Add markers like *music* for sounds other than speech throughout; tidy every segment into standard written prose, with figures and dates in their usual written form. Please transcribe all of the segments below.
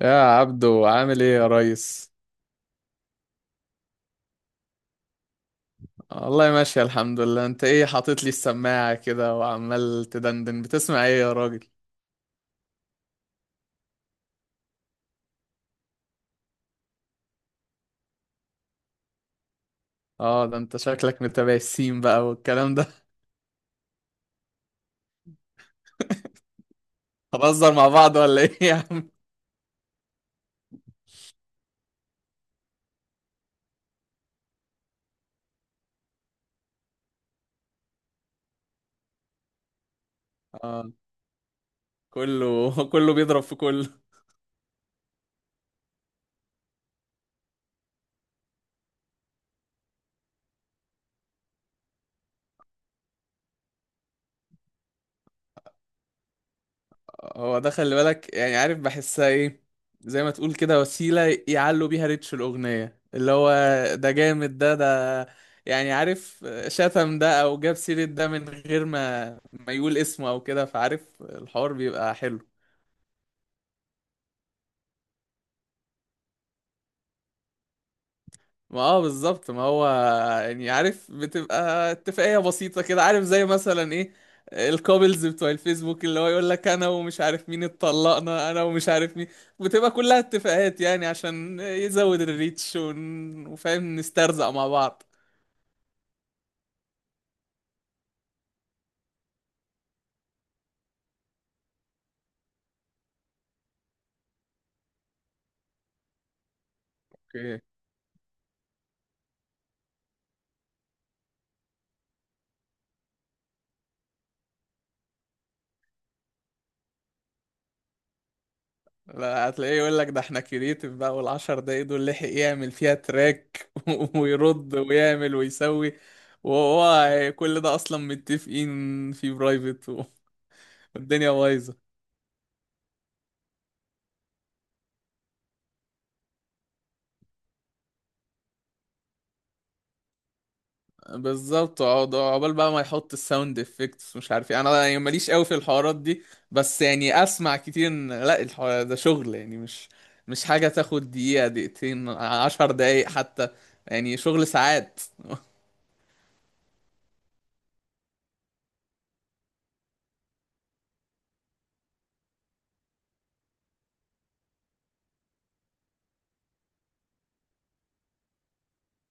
يا عبدو عامل ايه يا ريس؟ والله ماشي الحمد لله. انت ايه حاطط لي السماعة كده وعمال تدندن، بتسمع ايه يا راجل؟ اه ده انت شكلك متابع السين بقى والكلام ده *laughs* هنهزر مع بعض ولا ايه يا عم؟ اه كله *laughs* كله بيضرب في كله. هو ده خلي بالك، يعني عارف بحسها ايه، زي ما تقول كده وسيلة يعلوا بيها ريتش الأغنية. اللي هو ده جامد، ده يعني عارف شتم ده أو جاب سيرة ده من غير ما يقول اسمه أو كده، فعارف الحوار بيبقى حلو. ما اه بالظبط، ما هو يعني عارف بتبقى اتفاقية بسيطة كده، عارف، زي مثلا ايه الكابلز بتوع الفيسبوك اللي هو يقول لك انا ومش عارف مين اتطلقنا انا ومش عارف مين. بتبقى كلها اتفاقات يعني عشان يزود الريتش، وفاهم، نسترزق مع بعض. اوكي. لا هتلاقيه يقول لك ده احنا كرييتيف بقى، والعشر دقايق دول لحق يعمل فيها تراك *laughs* ويرد ويعمل ويسوي. وهو كل ده اصلا متفقين في برايفت، والدنيا بايظة. بالظبط، اقعد عقبال بقى ما يحط الساوند افكتس مش عارف ايه. انا يعني ماليش قوي في الحوارات دي، بس يعني اسمع كتير ان لا الحوار ده شغل، يعني مش حاجة تاخد دقيقة دقيقتين عشر دقايق حتى، يعني شغل ساعات.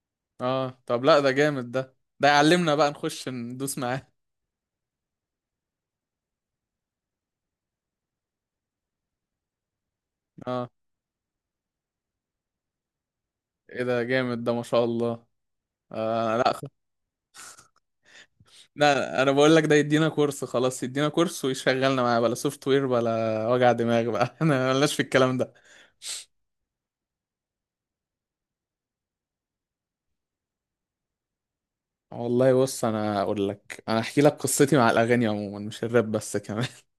*laughs* اه طب لا ده جامد، ده يعلمنا بقى نخش ندوس معاه. اه ايه ده، جامد ده، ما شاء الله. آه لا خ- لا انا بقول لك ده يدينا كورس خلاص، يدينا كورس ويشغلنا معاه بلا سوفت وير بلا وجع دماغ بقى *laughs* انا ملناش في الكلام ده. والله بص، انا اقول لك، انا احكي لك قصتي مع الاغاني عموما مش الراب بس كمان *laughs*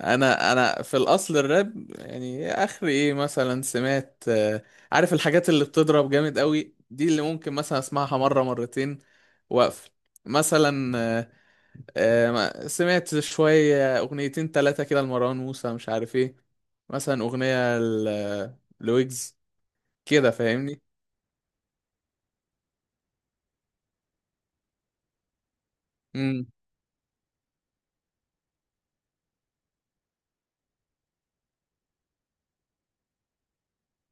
انا في الاصل الراب يعني اخر ايه مثلا سمعت، عارف الحاجات اللي بتضرب جامد قوي دي، اللي ممكن مثلا اسمعها مره مرتين واقفل. مثلا سمعت شويه اغنيتين ثلاثه كده لمروان موسى مش عارف ايه، مثلا اغنيه لويجز، كده فاهمني. امم.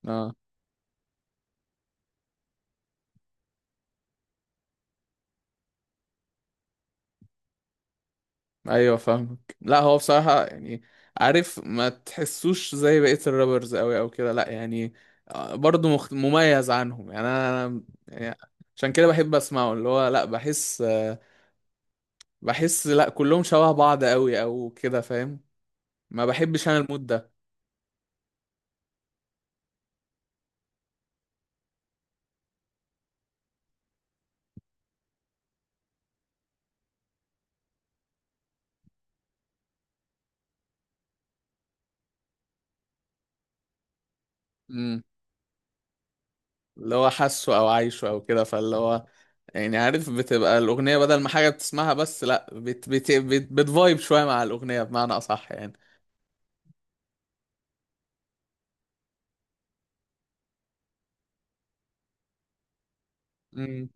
اه ايوه فاهمك. لا هو بصراحة يعني عارف، ما تحسوش زي بقية الرابرز قوي او كده، لا يعني برضه مميز عنهم. يعني يعني عشان كده بحب اسمعه. اللي هو لا بحس، بحس لا كلهم شبه بعض قوي او كده، فاهم؟ ما بحبش انا المود ده. امم. اللي هو حاسه او عايشه او كده، فاللي هو يعني عارف بتبقى الاغنية بدل ما حاجة بتسمعها بس، لا بتفايب شوية مع الاغنية بمعنى اصح يعني. امم.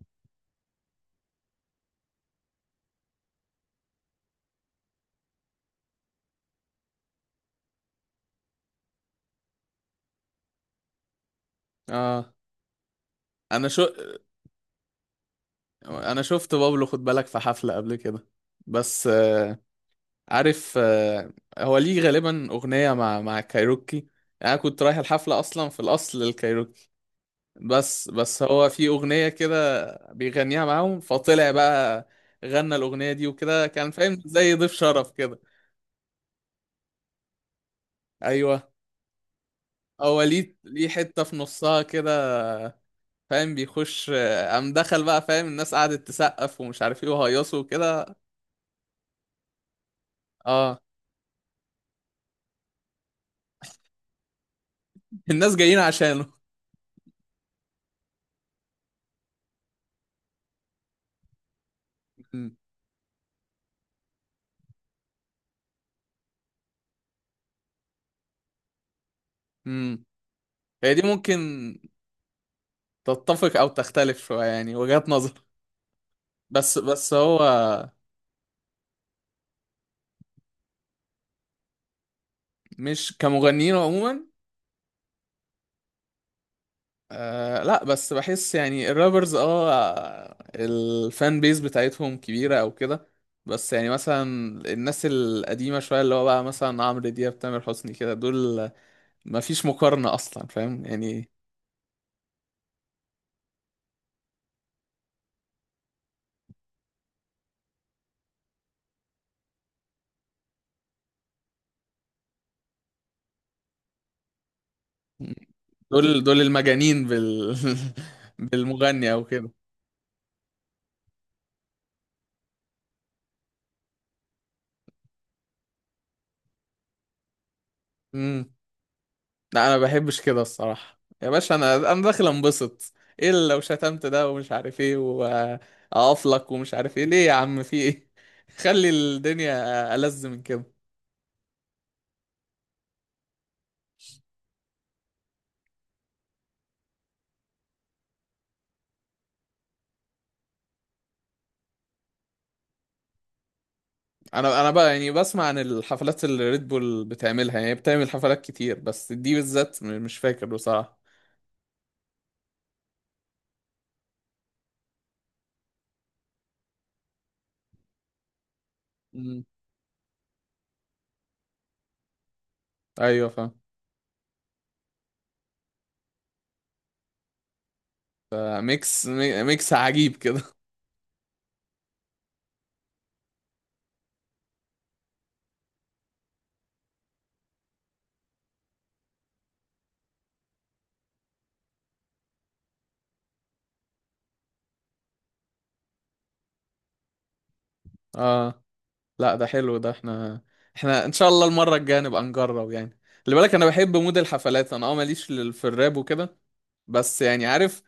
اه. انا شو انا شفت بابلو، خد بالك، في حفلة قبل كده. بس عارف، هو ليه غالبا اغنية مع كايروكي. يعني انا كنت رايح الحفلة اصلا في الاصل للكايروكي، بس هو في اغنية كده بيغنيها معاهم، فطلع بقى غنى الاغنية دي وكده، كان فاهم، زي ضيف شرف كده. ايوه، هو ليه حتة في نصها كده، فاهم، بيخش، قام دخل بقى، فاهم، الناس قعدت تسقف ومش عارف ايه وهيصوا وكده. اه. الناس جايين عشانه. *laughs* هي دي ممكن تتفق او تختلف شويه، يعني وجهات نظر. بس هو مش كمغنيين عموما. آه لا، بس بحس يعني الرابرز اه الفان بيز بتاعتهم كبيره او كده، بس يعني مثلا الناس القديمه شويه اللي هو بقى، مثلا عمرو دياب، تامر حسني كده، دول ما فيش مقارنه اصلا فاهم يعني. دول المجانين *laughs* بالمغني او كده. لا انا ما بحبش كده الصراحه يا باشا، انا داخل انبسط، ايه اللي لو شتمت ده ومش عارف ايه واقف لك، ومش عارف ايه ليه؟ يا عم في ايه؟ *laughs* خلي الدنيا ألذ من كده. انا بقى يعني بسمع عن الحفلات اللي ريد بول بتعملها، يعني بتعمل حفلات كتير، بس دي بالذات مش فاكر بصراحه. مم. ايوه فاهم. ميكس ميكس عجيب كده. *laughs* اه لا ده حلو ده، احنا ان شاء الله المرة الجاية نبقى نجرب يعني. خلي بالك انا بحب مود الحفلات، انا اه ماليش في الراب وكده، بس يعني عارف،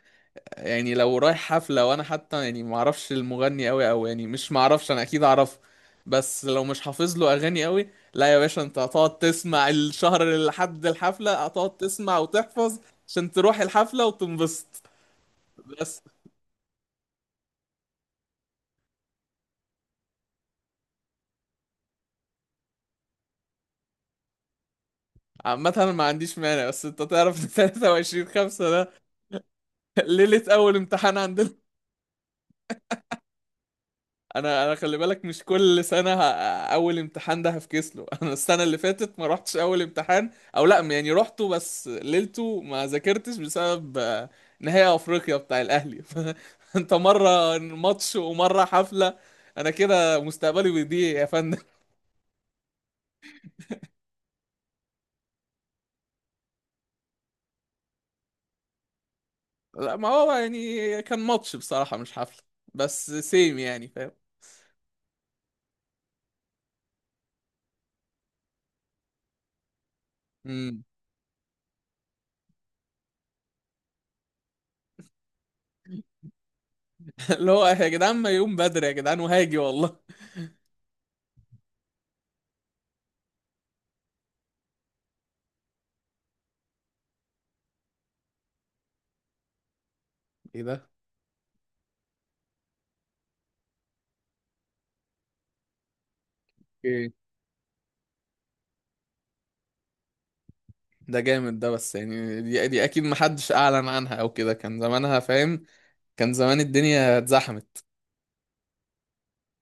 يعني لو رايح حفلة وانا حتى يعني ما اعرفش المغني قوي او يعني، مش ما اعرفش، انا اكيد اعرفه، بس لو مش حافظ له اغاني قوي، لا يا باشا انت هتقعد تسمع الشهر لحد الحفلة، هتقعد تسمع وتحفظ عشان تروح الحفلة وتنبسط. بس عامة انا ما عنديش مانع، بس انت تعرف *laughs* 23/5 ده ليلة اول امتحان عندنا. انا خلي بالك مش كل سنه اول امتحان ده هفكس له *laughs* انا السنه اللي فاتت ما رحتش اول امتحان، او لا يعني رحته بس ليلته ما ذاكرتش بسبب نهائي افريقيا بتاع الاهلي *laughs* فانت مره ماتش ومره حفله، انا كده مستقبلي بيضيع يا فندم. *laughs* لا ما هو يعني كان ماتش بصراحه مش حفله، بس سيم يعني، فاهم؟ مم. *laughs* اللي هو يا جدعان ما يقوم بدري يا جدعان وهاجي والله. *laughs* ايه ده، ده جامد ده، بس يعني دي اكيد محدش اعلن عنها او كده، كان زمانها فاهم، كان زمان الدنيا اتزحمت.